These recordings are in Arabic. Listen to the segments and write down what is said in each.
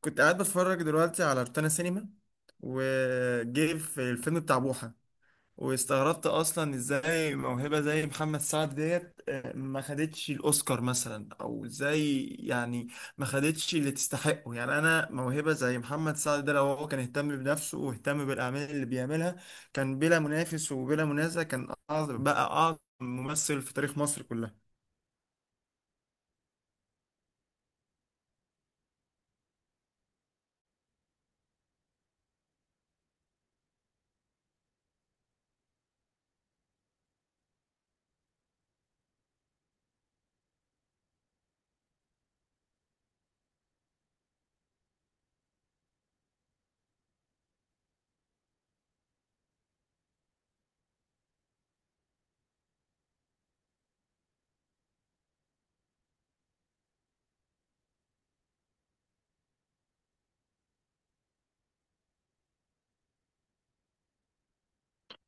كنت قاعد بتفرج دلوقتي على روتانا سينما، وجاي في الفيلم بتاع بوحة، واستغربت اصلا ازاي موهبة زي محمد سعد ديت ما خدتش الاوسكار مثلا او ازاي يعني، ما خدتش اللي تستحقه. يعني انا موهبة زي محمد سعد ده لو هو كان اهتم بنفسه واهتم بالاعمال اللي بيعملها كان بلا منافس وبلا منازع، كان أعظم، بقى اعظم ممثل في تاريخ مصر كلها.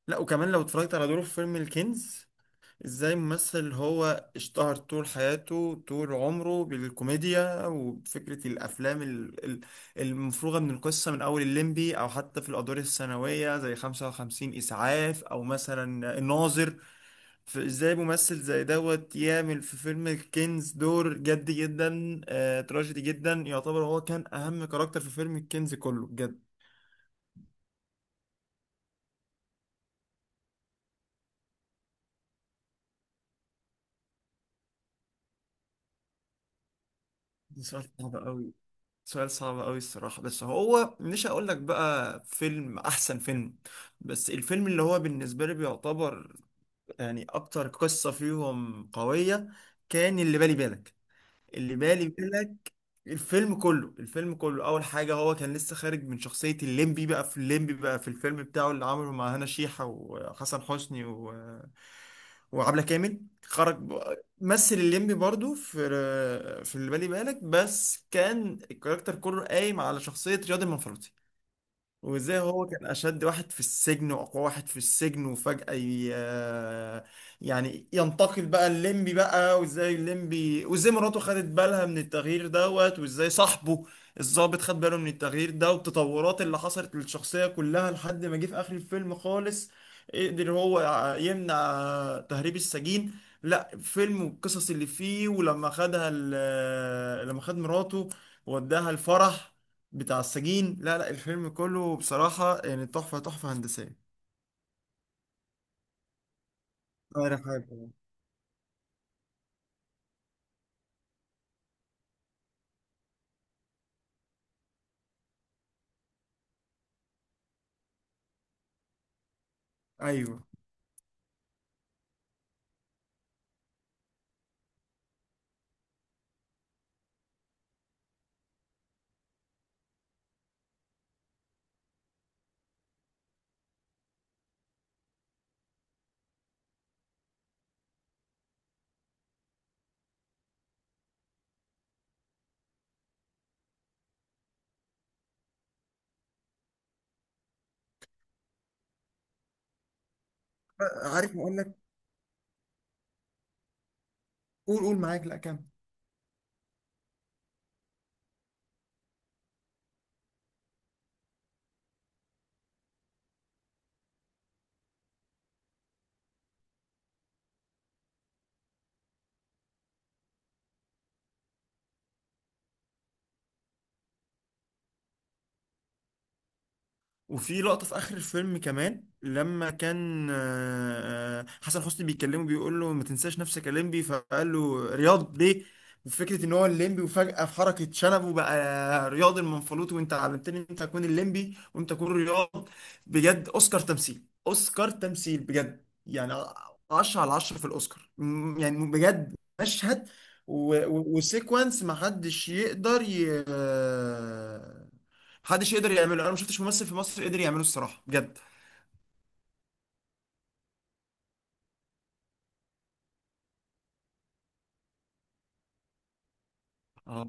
لا، وكمان لو اتفرجت على دوره في فيلم الكنز، ازاي ممثل هو اشتهر طول حياته طول عمره بالكوميديا وفكرة الافلام المفروغة من القصة من اول الليمبي، او حتى في الادوار الثانوية زي 55 اسعاف او مثلا الناظر، فازاي ممثل زي دوت يعمل في فيلم الكنز دور جد جدا، تراجيدي جدا. يعتبر هو كان اهم كاركتر في فيلم الكنز كله بجد. ده سؤال صعب قوي، سؤال صعب قوي الصراحة، بس هو مش هقول لك بقى فيلم احسن فيلم. بس الفيلم اللي هو بالنسبة لي بيعتبر يعني اكتر قصة فيهم قوية كان اللي بالي بالك، اللي بالي بالك. الفيلم كله، الفيلم كله اول حاجه هو كان لسه خارج من شخصيه الليمبي، بقى في الليمبي بقى في الفيلم بتاعه اللي عمله مع هنا شيحه وحسن حسني وعبلة كامل. مثل الليمبي برضو في اللي بالي بالك، بس كان الكاركتر كله قايم على شخصيه رياض المنفرطي، وازاي هو كان اشد واحد في السجن واقوى واحد في السجن، وفجأة ي... آه، يعني ينتقل بقى الليمبي بقى، وازاي الليمبي، وازاي مراته خدت بالها من التغيير دوت، وازاي صاحبه الضابط خد باله من التغيير ده، والتطورات اللي حصلت للشخصية كلها لحد ما جه في اخر الفيلم خالص قدر هو يمنع تهريب السجين. لا، فيلم والقصص اللي فيه، ولما خدها لما خد مراته وداها الفرح بتاع السجين. لا لا، الفيلم كله بصراحة يعني تحفة، تحفة هندسية، طاهر حاجة. ايوه، عارف اقول لك، قول قول معاك، لا كمل. وفي لقطة في آخر الفيلم كمان، لما كان حسن حسني بيكلمه بيقول له ما تنساش نفسك يا ليمبي، فقال له رياض ليه؟ وفكرة إن هو الليمبي وفجأة في حركة شنبه بقى رياض المنفلوطي، وأنت علمتني إن أنت تكون الليمبي وأنت تكون رياض. بجد أوسكار تمثيل، أوسكار تمثيل بجد يعني. 10 على 10 في الأوسكار، يعني بجد. مشهد و وسيكونس ما حدش يقدر محدش يقدر يعمله. انا ما شفتش ممثل في مصر قدر يعمله الصراحه بجد. اه،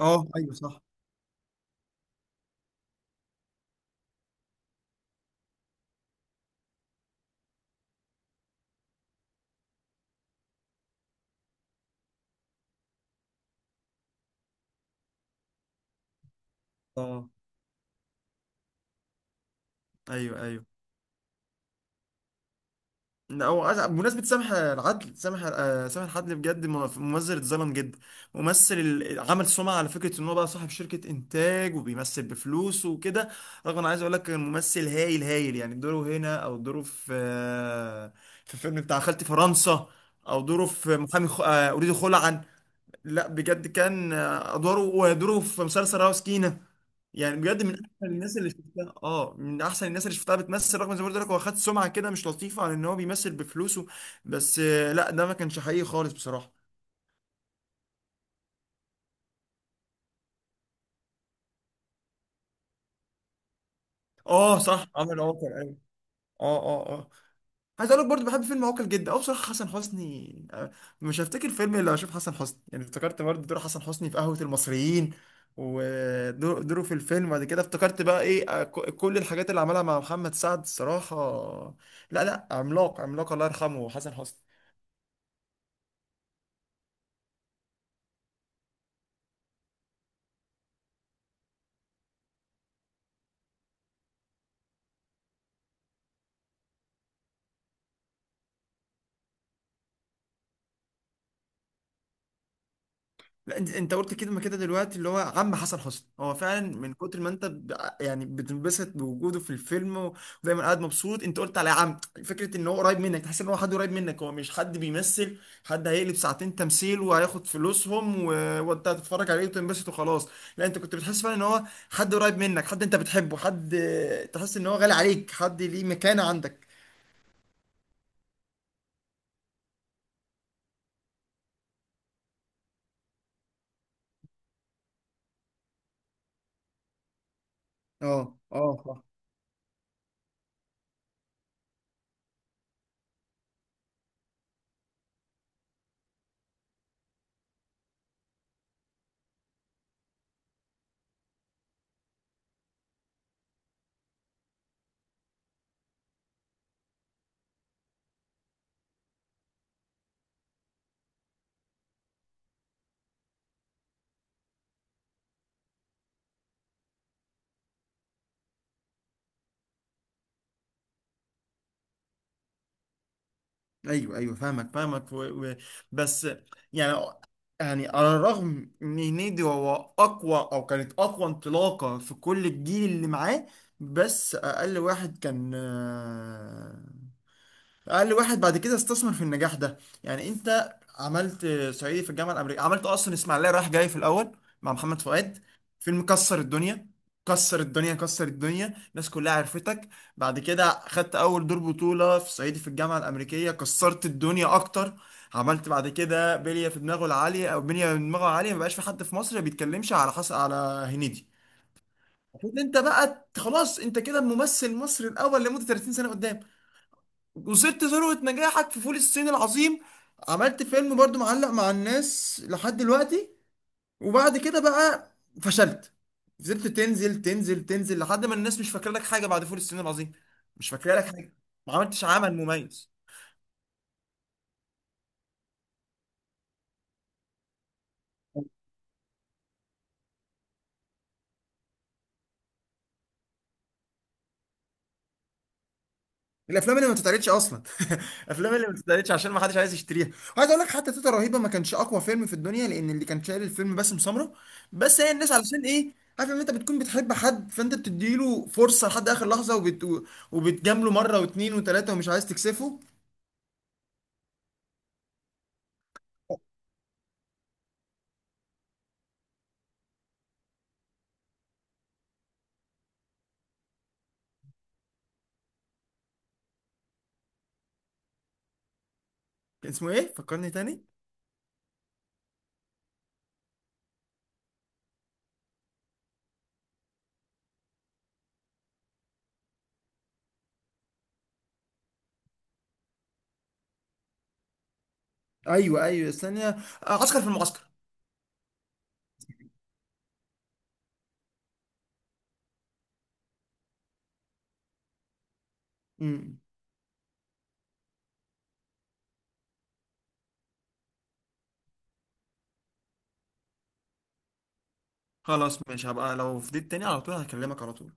اه، ايوه صح. اه، ايوه ايوه. لا، هو بمناسبة سامح العدل، سامح سامح العدل بجد ممثل اتظلم جدا. ممثل عمل سمعة على فكرة ان هو بقى صاحب شركة انتاج وبيمثل بفلوسه وكده، رغم انا عايز اقول لك كان ممثل هايل هايل، يعني دوره هنا او دوره في في الفيلم بتاع خالتي فرنسا، او دوره في محامي اريد خلعا. لا بجد كان ادواره ودوره في مسلسل راوس يعني بجد من احسن الناس اللي شفتها. اه، من احسن الناس اللي شفتها بتمثل، رغم زي ما قلت لك هو خد سمعه كده مش لطيفه عن ان هو بيمثل بفلوسه. بس لا، ده ما كانش حقيقي خالص بصراحه. اه صح، عمل عوكل ايوه. اه اه اه، عايز اقول لك برضه بحب فيلم عوكل جدا. اه، بصراحه حسن حسني، مش هفتكر فيلم الا اشوف حسن حسني. يعني افتكرت برضه دور حسن حسني في قهوه المصريين، ودوره في الفيلم بعد كده، افتكرت بقى ايه، كل الحاجات اللي عملها مع محمد سعد الصراحه. لا لا، عملاق، عملاق الله يرحمه حسن حسني. لا، انت قلت كده، ما كده دلوقتي اللي هو عم حسن حسني، هو فعلا من كتر ما انت يعني بتنبسط بوجوده في الفيلم، و- ودايما قاعد مبسوط. انت قلت على عم، فكره ان هو قريب منك، تحس ان هو حد قريب منك، هو مش حد بيمثل، حد هيقلب ساعتين تمثيل وهياخد فلوسهم وانت هتتفرج عليه وتنبسط وخلاص. لا، انت كنت بتحس فعلا ان هو حد قريب منك، حد انت بتحبه، حد تحس ان هو غالي عليك، حد ليه مكانه عندك. اه اه اه. ايوه ايوه، فاهمك فاهمك و... بس يعني، يعني على الرغم ان هنيدي هو اقوى او كانت اقوى انطلاقه في كل الجيل اللي معاه، بس اقل واحد كان، اقل واحد بعد كده استثمر في النجاح ده. يعني انت عملت صعيدي في الجامعه الامريكيه، عملت اصلا اسماعيليه رايح جاي في الاول مع محمد فؤاد، فيلم كسر الدنيا، كسر الدنيا، كسر الدنيا الناس كلها عرفتك. بعد كده خدت اول دور بطوله في صعيدي في الجامعه الامريكيه، كسرت الدنيا اكتر. عملت بعد كده بليه في دماغه العاليه، او بليه في دماغه العاليه ما بقاش في حد في مصر بيتكلمش على حس على هنيدي. المفروض انت بقى خلاص انت كده الممثل المصري الاول لمده 30 سنه قدام. وصلت ذروة نجاحك في فول الصين العظيم، عملت فيلم برضو معلق مع الناس لحد دلوقتي، وبعد كده بقى فشلت، فضلت تنزل تنزل تنزل لحد ما الناس مش فاكره لك حاجة بعد فول الصين العظيم، مش فاكره لك حاجة، ما عملتش عمل مميز. الافلام اللي ما بتتعرضش اصلا، الافلام اللي ما بتتعرضش عشان ما حدش عايز يشتريها. وعايز اقول لك، حتى تيتا رهيبه ما كانش اقوى فيلم في الدنيا، لان اللي كان شايل الفيلم باسم سمره. بس هي الناس علشان ايه؟ عارف ان انت بتكون بتحب حد فانت بتديله فرصه لحد اخر لحظه، وبتجامله مره واتنين وتلاته، ومش عايز تكسفه. كان اسمه ايه، فكرني تاني. ايوه ايوه، استنى، عسكر في المعسكر. امم، خلاص ماشي، هبقى لو فضيت تاني على طول هكلمك على طول.